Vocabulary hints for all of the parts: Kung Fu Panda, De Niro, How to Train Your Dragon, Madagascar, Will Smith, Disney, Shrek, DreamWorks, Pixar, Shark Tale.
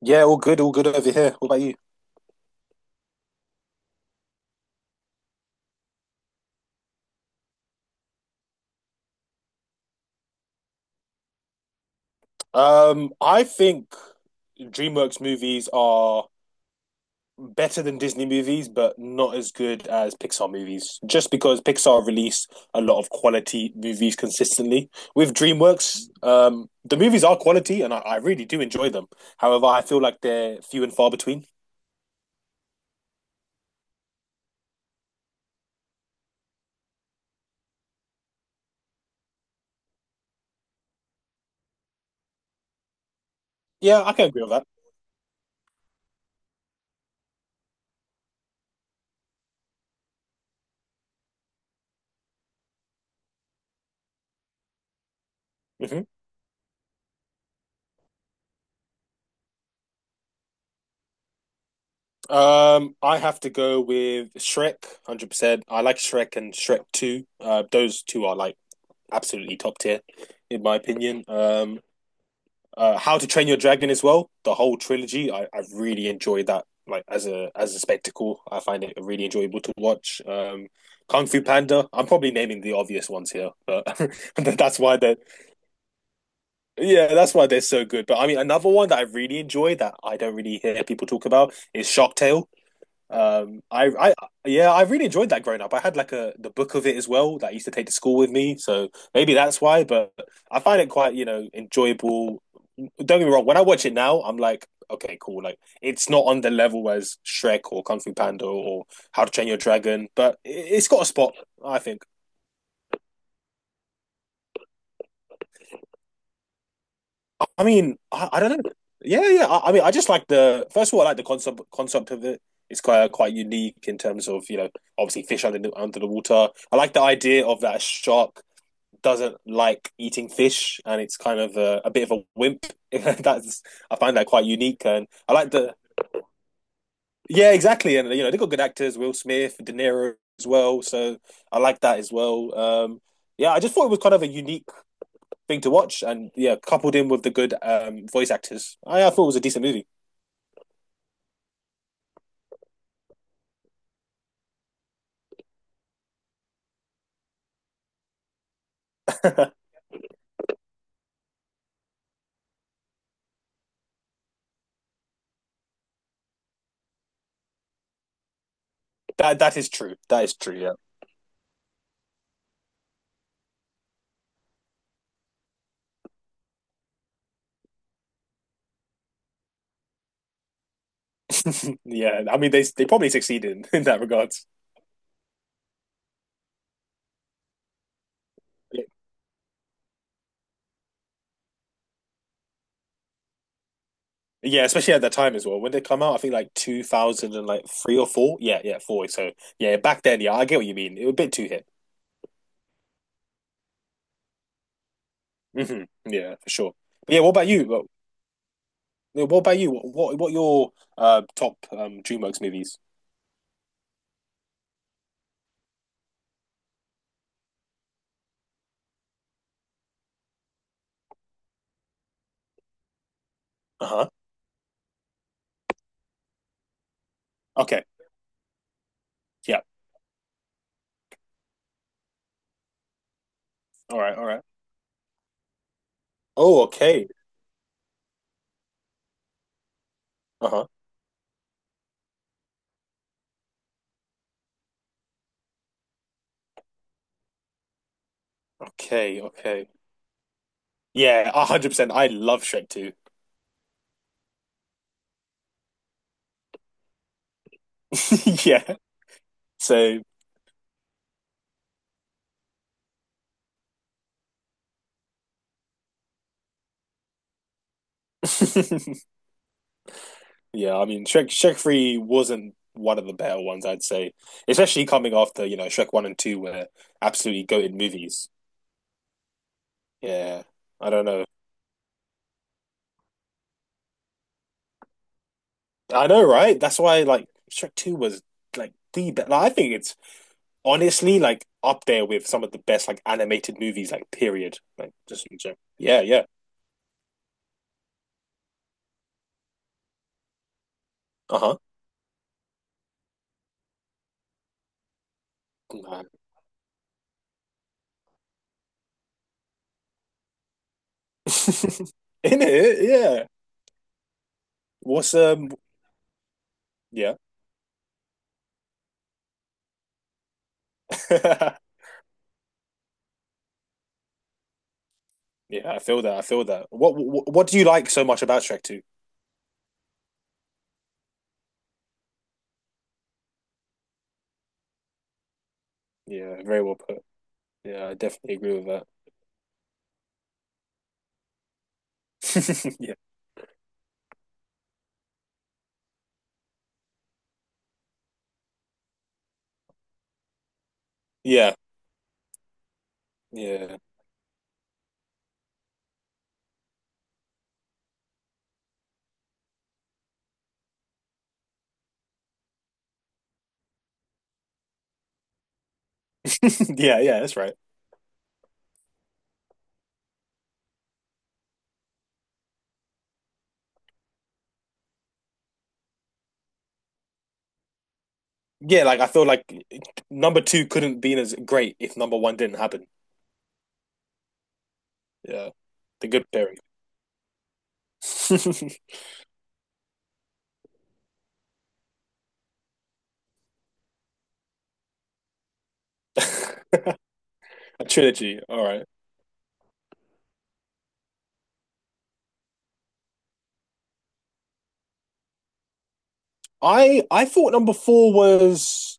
Yeah, all good over here. What about you? I think DreamWorks movies are better than Disney movies, but not as good as Pixar movies. Just because Pixar release a lot of quality movies consistently. With DreamWorks, the movies are quality, and I really do enjoy them. However, I feel like they're few and far between. Yeah, I can agree with that. Hmm. I have to go with Shrek, 100%. I like Shrek and Shrek 2. Those two are like absolutely top tier, in my opinion. How to Train Your Dragon as well, the whole trilogy. I really enjoyed that, like as a spectacle. I find it really enjoyable to watch. Kung Fu Panda. I'm probably naming the obvious ones here, but that's why they're yeah, that's why they're so good. But I mean, another one that I really enjoy that I don't really hear people talk about is Shark Tale. Um, I, I, yeah, I really enjoyed that growing up. I had like a the book of it as well that I used to take to school with me, so maybe that's why. But I find it quite, enjoyable. Don't get me wrong. When I watch it now, I'm like, okay, cool. Like it's not on the level as Shrek or Kung Fu Panda or How to Train Your Dragon, but it's got a spot, I think. I mean, I don't know. Yeah, yeah. I mean, I just like the first of all, I like the concept of it. It's quite quite unique in terms of, you know, obviously fish under under the water. I like the idea of that shark doesn't like eating fish and it's kind of a bit of a wimp. That's I find that quite unique and I like the. Yeah, exactly, and you know they got good actors, Will Smith, De Niro as well. So I like that as well. Yeah, I just thought it was kind of a unique thing to watch, and yeah, coupled in with the good voice actors, I thought it was a decent movie. That is true. That is true. Yeah. Yeah. I mean, they probably succeeded in that regard. Yeah, especially at that time as well. When they come out, I think like 2000 and like three or four. Yeah, yeah, four. So yeah, back then, yeah, I get what you mean. It was a bit too hip. Hmm. Yeah, for sure. But yeah, what about you? Yeah, what about you? What your top DreamWorks movies? Uh-huh. Okay. Yeah. All right. All right. Oh, okay. Uh-huh. Okay. Okay. Yeah, 100%. I love Shrek too. Yeah. So yeah, I mean, Shrek 3 wasn't one of the better ones, I'd say. Especially coming after, you know, Shrek 1 and 2 were absolutely goated movies. Yeah, I don't know. I know, right? That's why, like, Shrek 2 was, like, the best. Like, I think it's honestly, like, up there with some of the best, like, animated movies, like, period. Like, just in general. Yeah, yeah. Uh-huh. Man. In it, yeah. What's, um, yeah. Yeah, I feel that. I feel that. What do you like so much about Shrek 2? Yeah, very well put. Yeah, I definitely agree with that. Yeah. Yeah. Yeah. Yeah, yeah, that's right. Yeah, like I feel like number two couldn't be as great if number one didn't happen. Yeah. The good pairing. A trilogy. All right. I thought number four was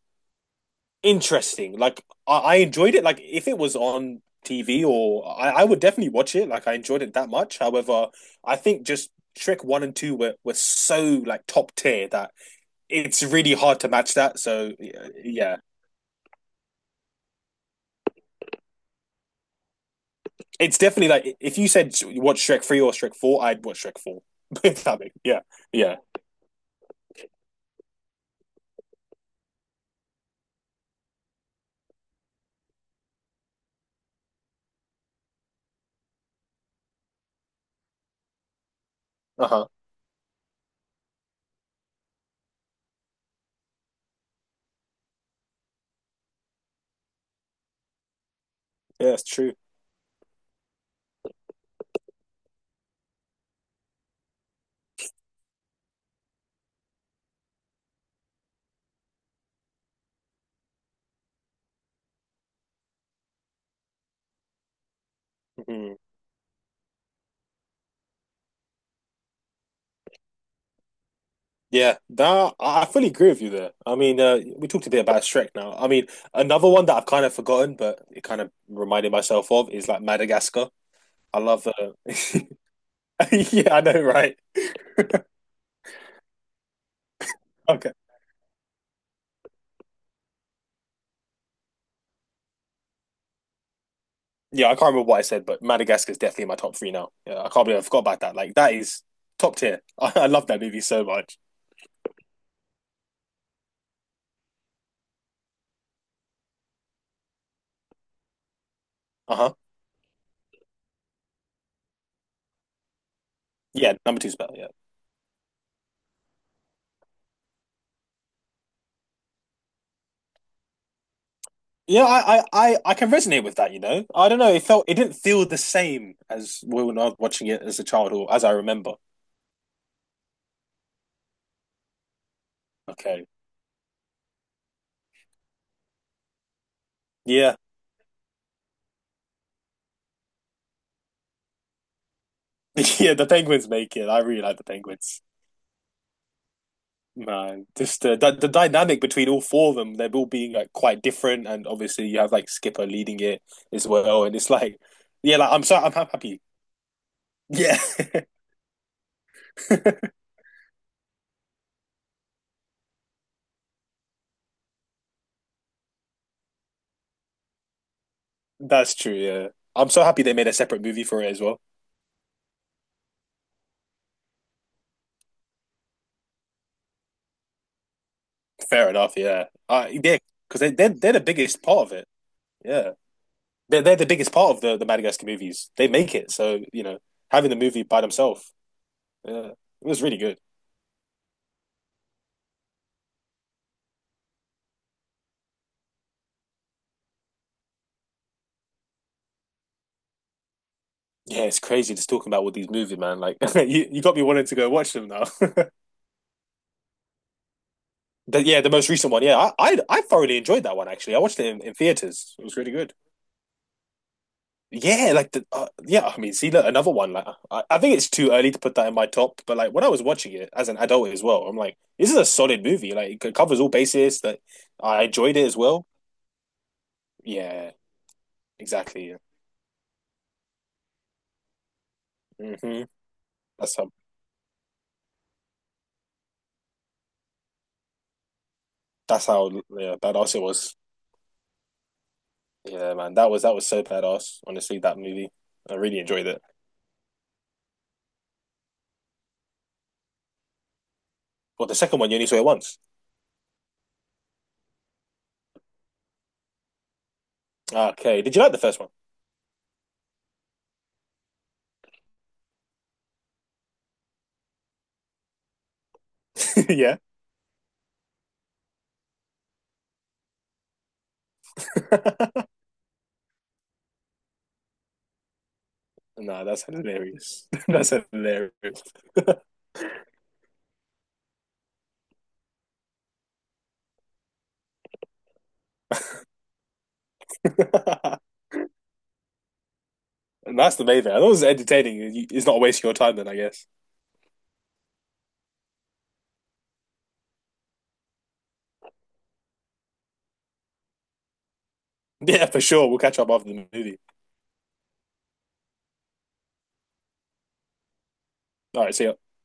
interesting. Like I enjoyed it. Like if it was on TV or I would definitely watch it. Like I enjoyed it that much. However, I think just Shrek one and two were so like top tier that it's really hard to match that. So yeah, it's definitely like if you said watch Shrek three or Shrek four, I'd watch Shrek four. Yeah, yeah, uh huh, yeah, it's true. Hmm. Yeah, that I fully agree with you there. I mean, we talked a bit about Shrek now. I mean, another one that I've kind of forgotten, but it kind of reminded myself of is like Madagascar. I love yeah, I know, right? Okay. Yeah, I can't remember what I said, but Madagascar is definitely in my top three now. Yeah, I can't believe I forgot about that. Like that is top tier. I love that movie so much. Uh-huh. Yeah, number two's better. Yeah, yeah. I can resonate with that. You know, I don't know. It felt it didn't feel the same as Will and I was watching it as a child or as I remember. Okay. Yeah, yeah. The Penguins make it. I really like the Penguins. Man, just the dynamic between all four of them, they're all being like quite different, and obviously you have like Skipper leading it as well, and it's like, yeah, like I'm happy. Yeah, that's true. Yeah, I'm so happy they made a separate movie for it as well. Fair enough. Yeah, yeah, because they're the biggest part of it. Yeah. They're the biggest part of the Madagascar movies. They make it. So, you know, having the movie by themselves, yeah, it was really good. Yeah, it's crazy just talking about all these movies, man. Like, you got me wanting to go watch them now. But yeah, the most recent one. Yeah, I thoroughly enjoyed that one, actually. I watched it in theaters. It was really good. Yeah, like, yeah, I mean, see, look, another one. Like, I think it's too early to put that in my top, but like, when I was watching it as an adult as well, I'm like, this is a solid movie. Like, it covers all bases. That I enjoyed it as well. Yeah, exactly. Hmm. That's how that's how yeah, badass it was. Yeah, man, that was so badass. Honestly, that movie, I really enjoyed it. Well, the second one you only saw it once. Okay, did you like the first one? Yeah. Nah, that's hilarious. That's hilarious. And that's the main thing. I thought it was entertaining. It's not wasting your time then, I guess. Yeah, for sure. We'll catch up after the movie. All right, see ya.